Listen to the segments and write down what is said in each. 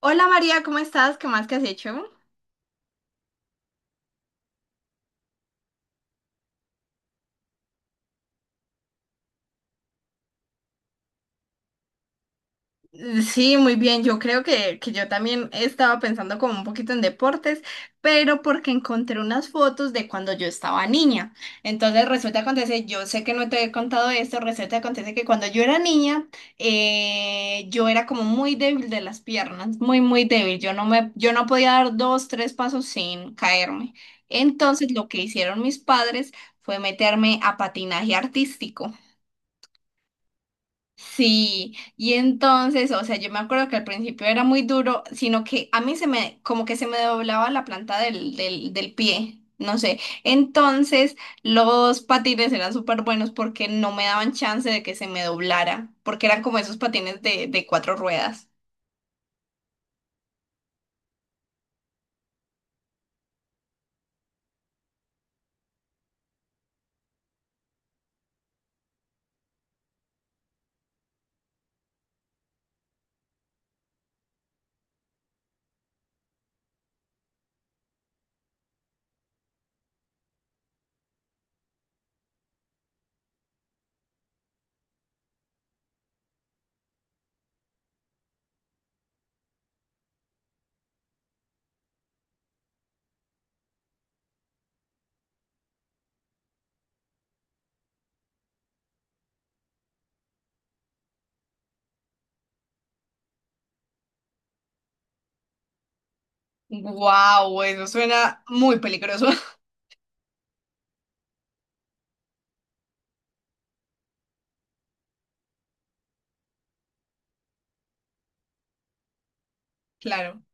Hola María, ¿cómo estás? ¿Qué más que has hecho? Sí, muy bien. Yo creo que yo también estaba pensando como un poquito en deportes, pero porque encontré unas fotos de cuando yo estaba niña. Entonces resulta acontece, yo sé que no te he contado esto, resulta acontece que cuando yo era niña, yo era como muy débil de las piernas, muy, muy débil. Yo no podía dar dos, tres pasos sin caerme. Entonces lo que hicieron mis padres fue meterme a patinaje artístico. Sí, y entonces, o sea, yo me acuerdo que al principio era muy duro, sino que a mí se me, como que se me doblaba la planta del pie, no sé. Entonces, los patines eran súper buenos porque no me daban chance de que se me doblara, porque eran como esos patines de cuatro ruedas. Wow, eso suena muy peligroso. Claro.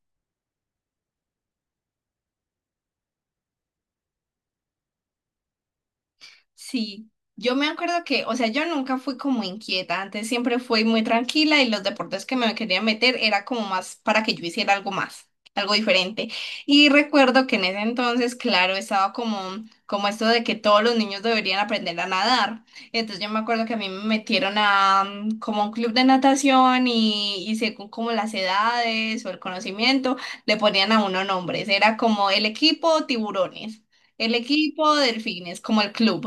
Sí, yo me acuerdo que, o sea, yo nunca fui como inquieta, antes siempre fui muy tranquila y los deportes que me quería meter era como más para que yo hiciera algo más, algo diferente. Y recuerdo que en ese entonces, claro, como esto de que todos los niños deberían aprender a nadar. Entonces yo me acuerdo que a mí me metieron a como a un club de natación y según como las edades o el conocimiento, le ponían a uno nombres, era como el equipo tiburones. El equipo delfines, como el club.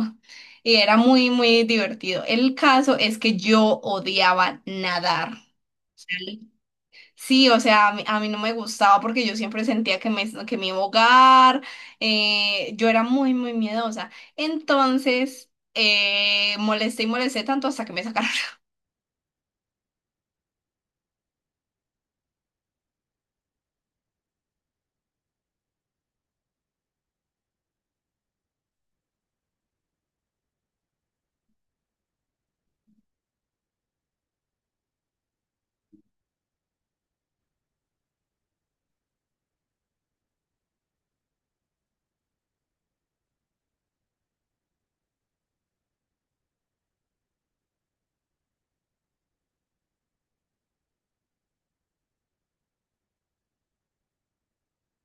Y era muy, muy divertido. El caso es que yo odiaba nadar. ¿Sale? Sí, o sea, a mí no me gustaba porque yo siempre sentía que me iba a ahogar. Yo era muy, muy miedosa. Entonces, molesté y molesté tanto hasta que me sacaron.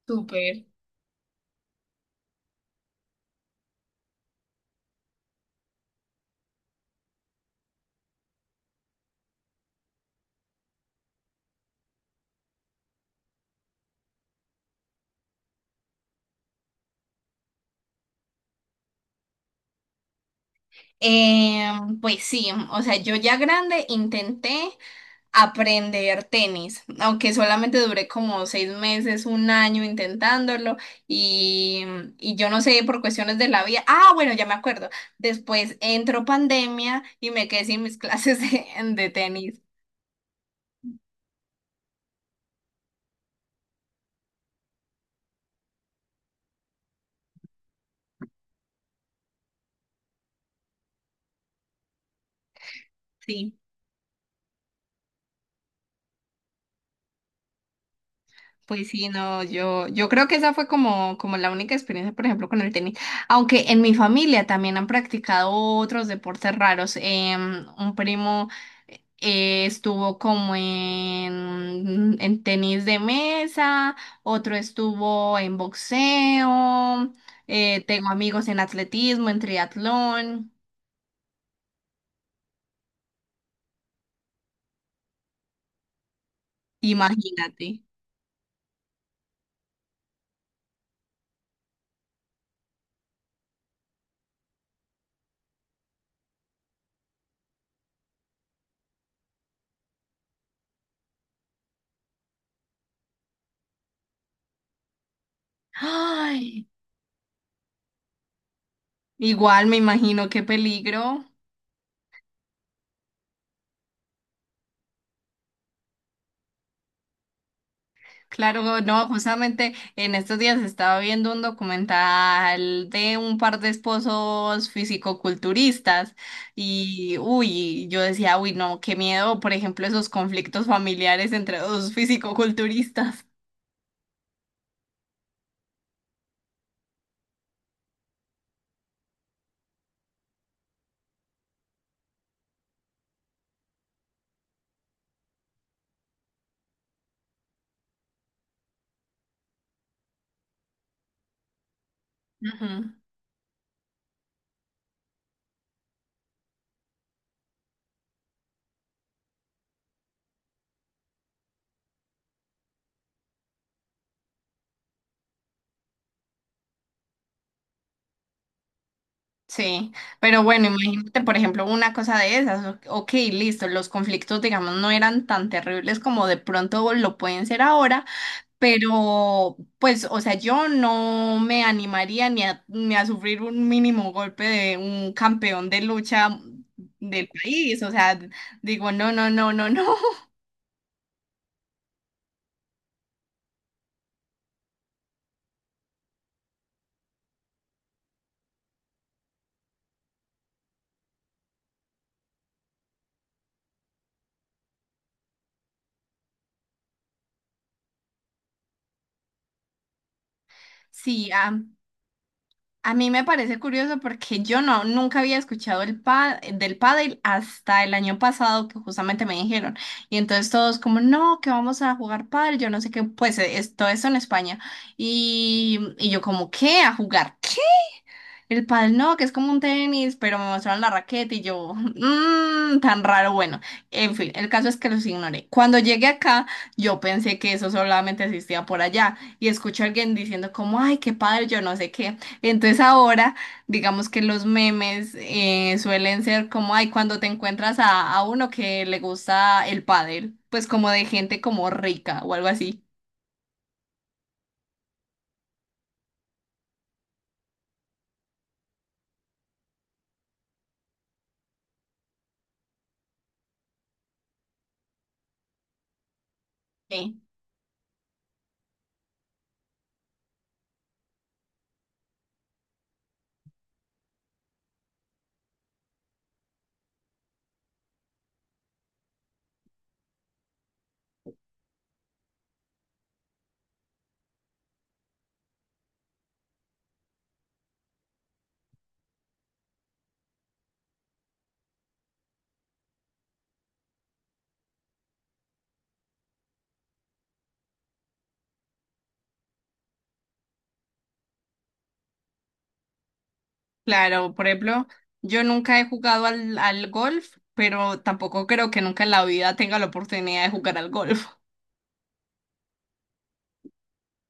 Súper. Eh, pues sí, o sea, yo ya grande intenté aprender tenis, aunque solamente duré como seis meses, un año intentándolo y, y yo no sé, por cuestiones de la vida, ah, bueno, ya me acuerdo, después entró pandemia y me quedé sin mis clases de tenis, sí. Pues sí, no, yo creo que esa fue como, como la única experiencia, por ejemplo, con el tenis. Aunque en mi familia también han practicado otros deportes raros. Un primo estuvo como en tenis de mesa, otro estuvo en boxeo, tengo amigos en atletismo, en triatlón, imagínate. Ay, igual me imagino qué peligro. Claro, no, justamente en estos días estaba viendo un documental de un par de esposos fisicoculturistas y, uy, yo decía, uy, no, qué miedo, por ejemplo, esos conflictos familiares entre dos fisicoculturistas. Ujú. Sí, pero bueno, imagínate, por ejemplo, una cosa de esas, ok, listo, los conflictos, digamos, no eran tan terribles como de pronto lo pueden ser ahora. Pero, pues, o sea, yo no me animaría ni a sufrir un mínimo golpe de un campeón de lucha del país. O sea, digo, no, no, no, no, no. Sí, a mí me parece curioso porque yo no, nunca había escuchado el del pádel hasta el año pasado que justamente me dijeron. Y entonces todos como, no, que vamos a jugar pádel, yo no sé qué, pues es, todo eso en España. Y yo como, ¿qué? ¿A jugar? El pádel no, que es como un tenis, pero me mostraron la raqueta y yo, mmm, tan raro, bueno. En fin, el caso es que los ignoré. Cuando llegué acá, yo pensé que eso solamente existía por allá y escuché a alguien diciendo como, ay, qué padre, yo no sé qué. Entonces ahora, digamos que los memes suelen ser como, ay, cuando te encuentras a uno que le gusta el pádel, pues como de gente como rica o algo así. Claro, por ejemplo, yo nunca he jugado al golf, pero tampoco creo que nunca en la vida tenga la oportunidad de jugar al golf.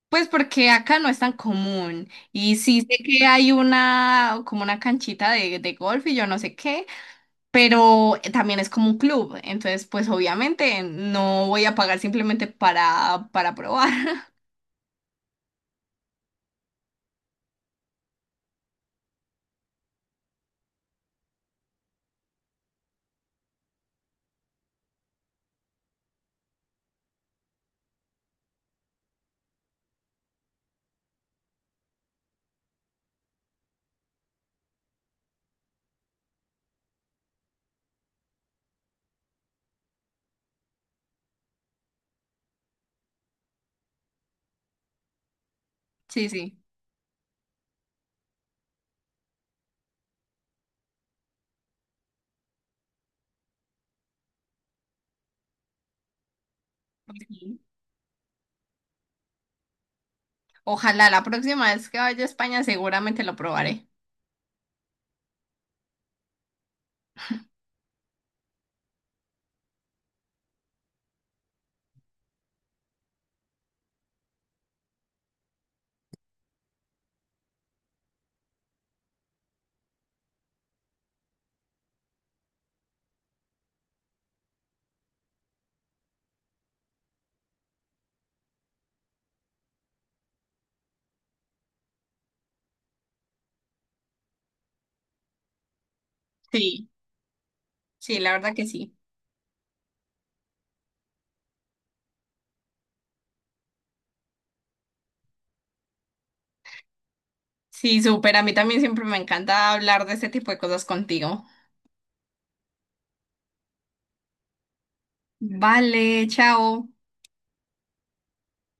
Pues porque acá no es tan común. Y sí sé que hay una, como una canchita de golf y yo no sé qué, pero también es como un club. Entonces, pues obviamente no voy a pagar simplemente para probar. Sí, sí. Sí. Ojalá la próxima vez que vaya a España seguramente lo probaré. Sí, sí, la verdad que sí. Sí, súper. A mí también siempre me encanta hablar de este tipo de cosas contigo. Vale, chao.